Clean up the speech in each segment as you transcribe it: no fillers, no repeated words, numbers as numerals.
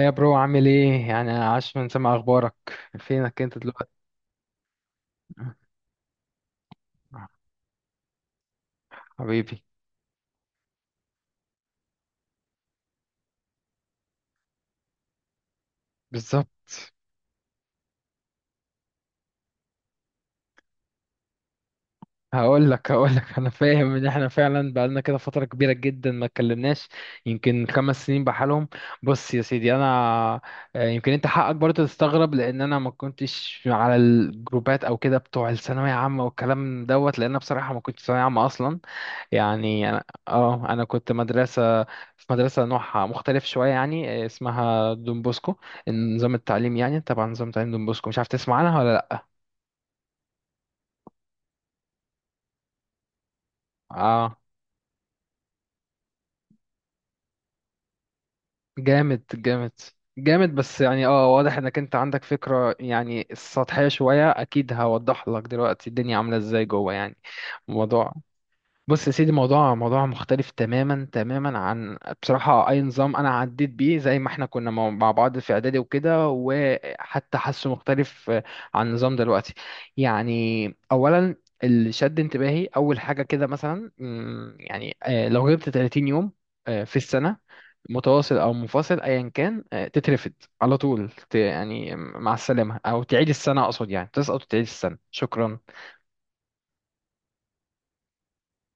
يا برو، عامل ايه؟ يعني عاش من سمع اخبارك. فينك انت دلوقتي؟ حبيبي. بالظبط. هقول لك. انا فاهم ان احنا فعلا بقالنا كده فتره كبيره جدا ما اتكلمناش. يمكن خمس سنين بحالهم. بص يا سيدي، انا يمكن انت حقك برضه تستغرب لان انا ما كنتش على الجروبات او كده بتوع الثانويه عامه والكلام دوت، لان أنا بصراحه ما كنتش ثانويه عامه اصلا. يعني أنا كنت مدرسة، في مدرسة نوعها مختلف شوية، يعني اسمها دون بوسكو. نظام التعليم، يعني طبعا نظام تعليم دون بوسكو. مش عارف تسمع عنها ولا لأ؟ اه، جامد جامد جامد. بس يعني واضح انك انت عندك فكرة يعني سطحية شوية. اكيد هوضح لك دلوقتي الدنيا عاملة ازاي جوه، يعني الموضوع. بص يا سيدي، موضوع مختلف تماما تماما، عن بصراحة أي نظام أنا عديت بيه زي ما احنا كنا مع بعض في إعدادي وكده. وحتى حاسه مختلف عن النظام دلوقتي، يعني. أولا، اللي شد انتباهي أول حاجة كده، مثلا يعني لو غبت 30 يوم في السنة، متواصل أو منفصل أيا كان، تترفد على طول. يعني مع السلامة، أو تعيد السنة، أقصد يعني تسقط وتعيد السنة. شكرا.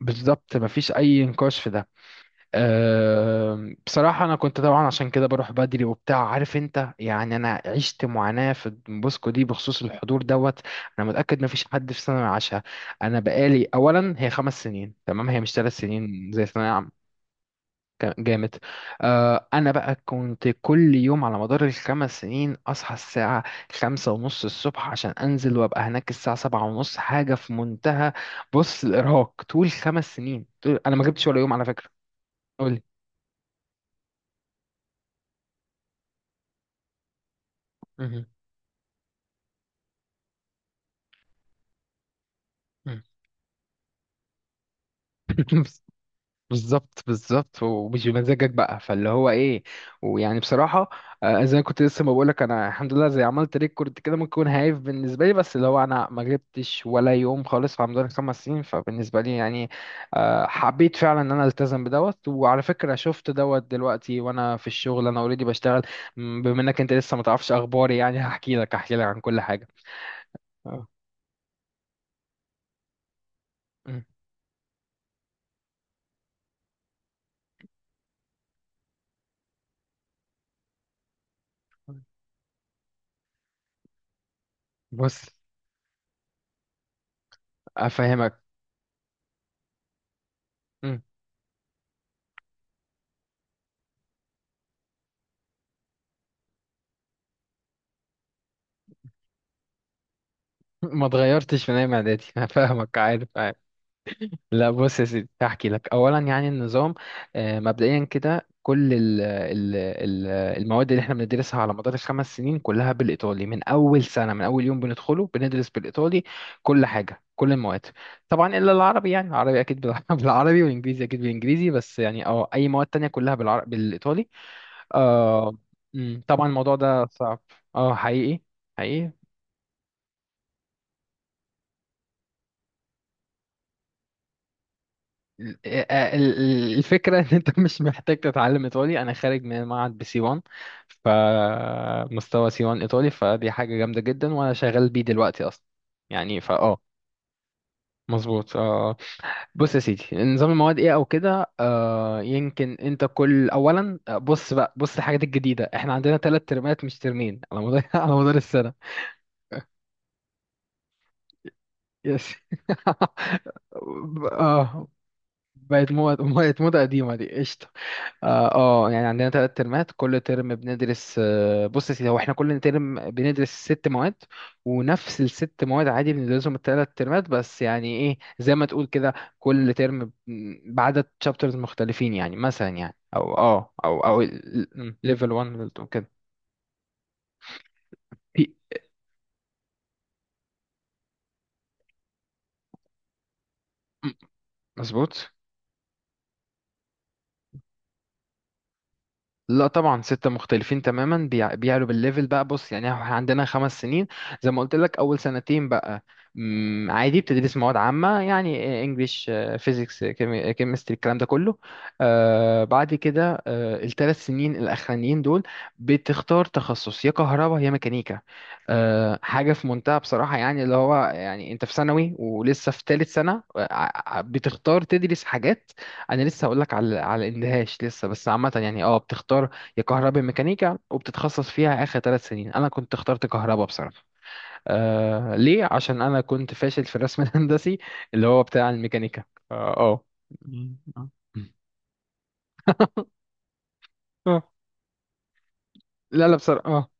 بالظبط، مفيش أي نقاش في ده. أه، بصراحة أنا كنت طبعا عشان كده بروح بدري وبتاع، عارف أنت. يعني أنا عشت معاناة في بوسكو دي بخصوص الحضور دوت. أنا متأكد مفيش حد في ثانوي عاشها. أنا بقالي أولا، هي خمس سنين تمام، هي مش ثلاث سنين زي ثانوية عامة. كان جامد. أه أنا بقى كنت كل يوم على مدار الخمس سنين أصحى الساعة خمسة ونص الصبح عشان أنزل وأبقى هناك الساعة سبعة ونص. حاجة في منتهى. بص، الإرهاق طول خمس سنين طول، أنا ما جبتش ولا يوم على فكرة. قولي. مهم. مم. بالظبط بالظبط. ومش بمزاجك بقى، فاللي هو ايه. ويعني بصراحه زي ما كنت لسه ما بقولك، انا الحمد لله زي عملت ريكورد كده، ممكن يكون هايف بالنسبه لي، بس اللي هو انا ما جبتش ولا يوم خالص في رمضان خمس سنين، فبالنسبه لي يعني حبيت فعلا ان انا التزم بدوت. وعلى فكره شفت دوت دلوقتي وانا في الشغل، انا اوريدي بشتغل. بما انك انت لسه ما تعرفش اخباري، يعني هحكي لك عن كل حاجه. آه. مم. بص، افهمك. ما اتغيرتش من ايام اعدادي انا. فاهمك، عارف عارف. لا بص يا سيدي، هحكي لك اولا يعني النظام. مبدئيا كده، كل ال ال ال المواد اللي احنا بندرسها على مدار الخمس سنين كلها بالايطالي. من اول سنه، من اول يوم بندخله بندرس بالايطالي، كل حاجه، كل المواد. طبعا الا العربي، يعني العربي اكيد بالعربي، والانجليزي اكيد بالانجليزي. بس يعني اي مواد تانية كلها بالعربي بالايطالي آه. طبعا الموضوع ده صعب. اه، حقيقي حقيقي. ال- الفكرة ان انت مش محتاج تتعلم ايطالي. انا خارج من معهد بسي 1. فمستوى سي 1 ايطالي، فدي حاجة جامدة جدا، وانا شغال بيه دلوقتي اصلا. يعني مظبوط آه. بص يا سيدي، نظام المواد ايه او كده. يمكن انت كل اولا بص بقى بص الحاجات الجديدة. احنا عندنا ثلاث ترمات مش ترمين، على مدار على مدار السنة. يس. اه، بقت مواد، بقت موضة قديمة دي. قشطة. اه يعني عندنا ثلاث ترمات، كل ترم بندرس بص يا سيدي، هو احنا كل ترم بندرس ست مواد. ونفس الست مواد عادي بندرسهم الثلاث ترمات، بس يعني ايه، زي ما تقول كده، كل ترم بعدد شابترز مختلفين. يعني مثلا، يعني او اه او او ليفل 1 كده. في- مظبوط. لا طبعا، ستة مختلفين تماما. بيعلوا بالليفل بقى. بص يعني احنا عندنا خمس سنين، زي ما قلت لك أول سنتين بقى، عادي بتدرس مواد عامة، يعني انجليش، فيزيكس، كيمستري، الكلام ده كله. آه، بعد كده الثلاث سنين الأخرانيين دول بتختار تخصص، يا كهرباء يا ميكانيكا. آه حاجة في منتهى بصراحة، يعني اللي هو يعني انت في ثانوي ولسه في ثالث سنة بتختار تدرس حاجات. انا لسه هقول لك على الاندهاش لسه، بس عامه يعني، اه بتختار يا كهرباء ميكانيكا وبتتخصص فيها اخر ثلاث سنين. انا كنت اخترت كهرباء بصراحه. آه ليه؟ عشان انا كنت فاشل في الرسم الهندسي، اللي هو بتاع الميكانيكا. اه آه. مم. آه. لا لا، بصراحه آه.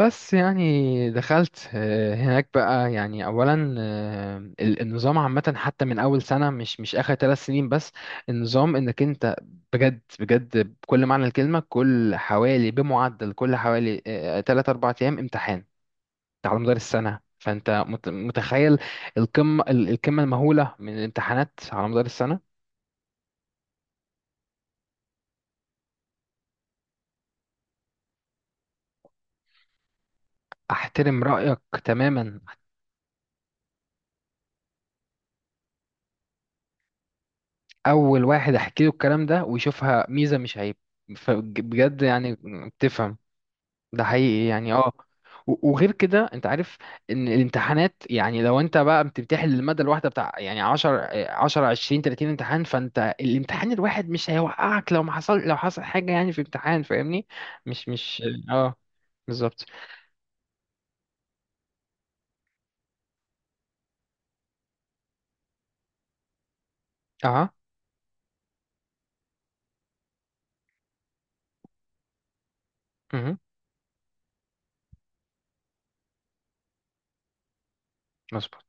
بس يعني دخلت هناك بقى، يعني اولا النظام عامه حتى من اول سنه، مش اخر ثلاث سنين بس. النظام انك انت بجد بجد بكل معنى الكلمه، كل حوالي، بمعدل كل حوالي 3 4 ايام امتحان، على مدار السنه. فانت متخيل، القمه، القمه المهوله من الامتحانات على مدار السنه. احترم رايك تماما. اول واحد احكي له الكلام ده ويشوفها ميزه مش عيب. فبجد يعني بتفهم، ده حقيقي يعني. اه وغير كده انت عارف ان الامتحانات، يعني لو انت بقى بتمتحن للمادة الواحدة بتاع يعني 10 10 20 30 امتحان، فانت الامتحان الواحد مش هيوقعك لو ما حصل، لو حصل حاجة يعني في امتحان، فاهمني؟ مش اه بالظبط. اه مهم. مظبوط.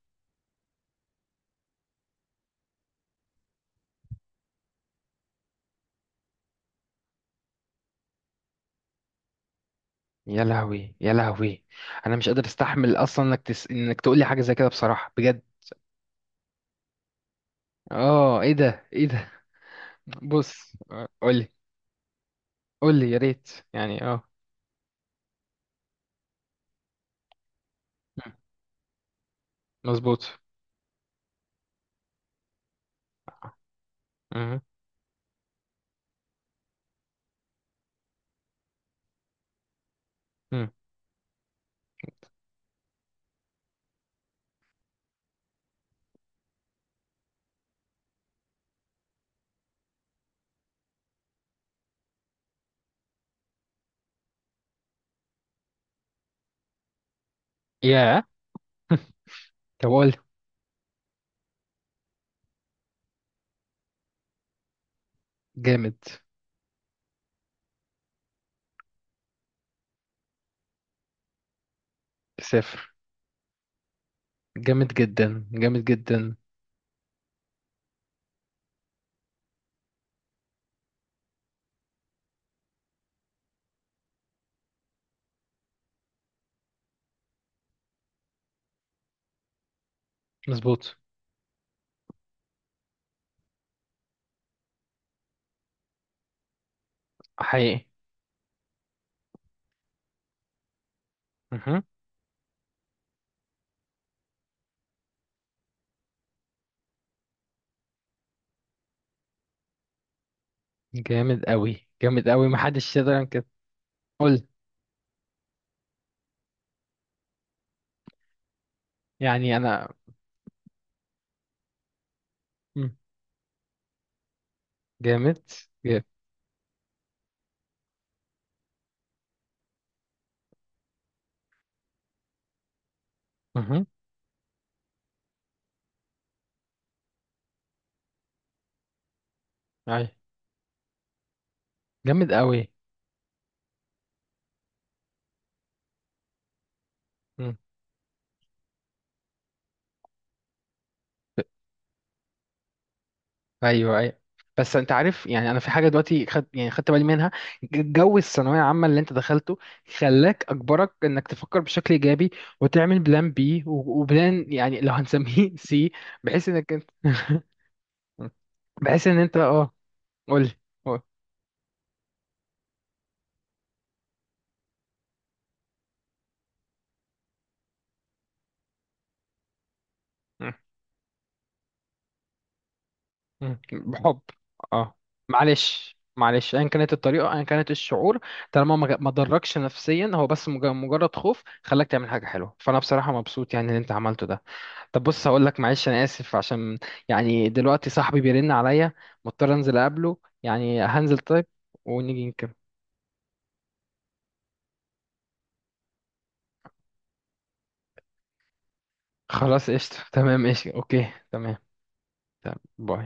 يا لهوي يا لهوي، انا مش قادر استحمل اصلا انك انك تقول لي حاجة زي كده، بصراحة بجد. اه ايه ده ايه ده. بص قولي. قولي يا ريت، يعني اه. مظبوط. مم. ياه. طب قول. جامد. صفر. جامد جدا جامد جدا. مظبوط. حقيقي. مهم. جامد قوي جامد قوي، محدش يقدر ينكر. قول. يعني انا. مم. جامد جامد. مهم. أي. جامد قوي. ايوه ايوه. بس انت عارف يعني، انا في حاجه دلوقتي خد، يعني خدت بالي منها، جو الثانويه العامه اللي انت دخلته خلاك، اجبرك انك تفكر بشكل ايجابي وتعمل بلان بي وبلان، يعني لو هنسميه سي، بحيث انك انت بحيث ان انت اه. قول لي. بحب. اه، معلش معلش، ايا كانت الطريقه، ايا كانت الشعور، طالما ما ضركش نفسيا، هو بس مجرد خوف خلاك تعمل حاجه حلوه. فانا بصراحه مبسوط يعني ان انت عملته ده. طب بص هقول لك، معلش انا اسف عشان، يعني دلوقتي صاحبي بيرن عليا، مضطر انزل اقابله، يعني هنزل طيب. ونيجي نكمل. خلاص قشطة. تمام قشطة، اوكي، تمام. تمام باي.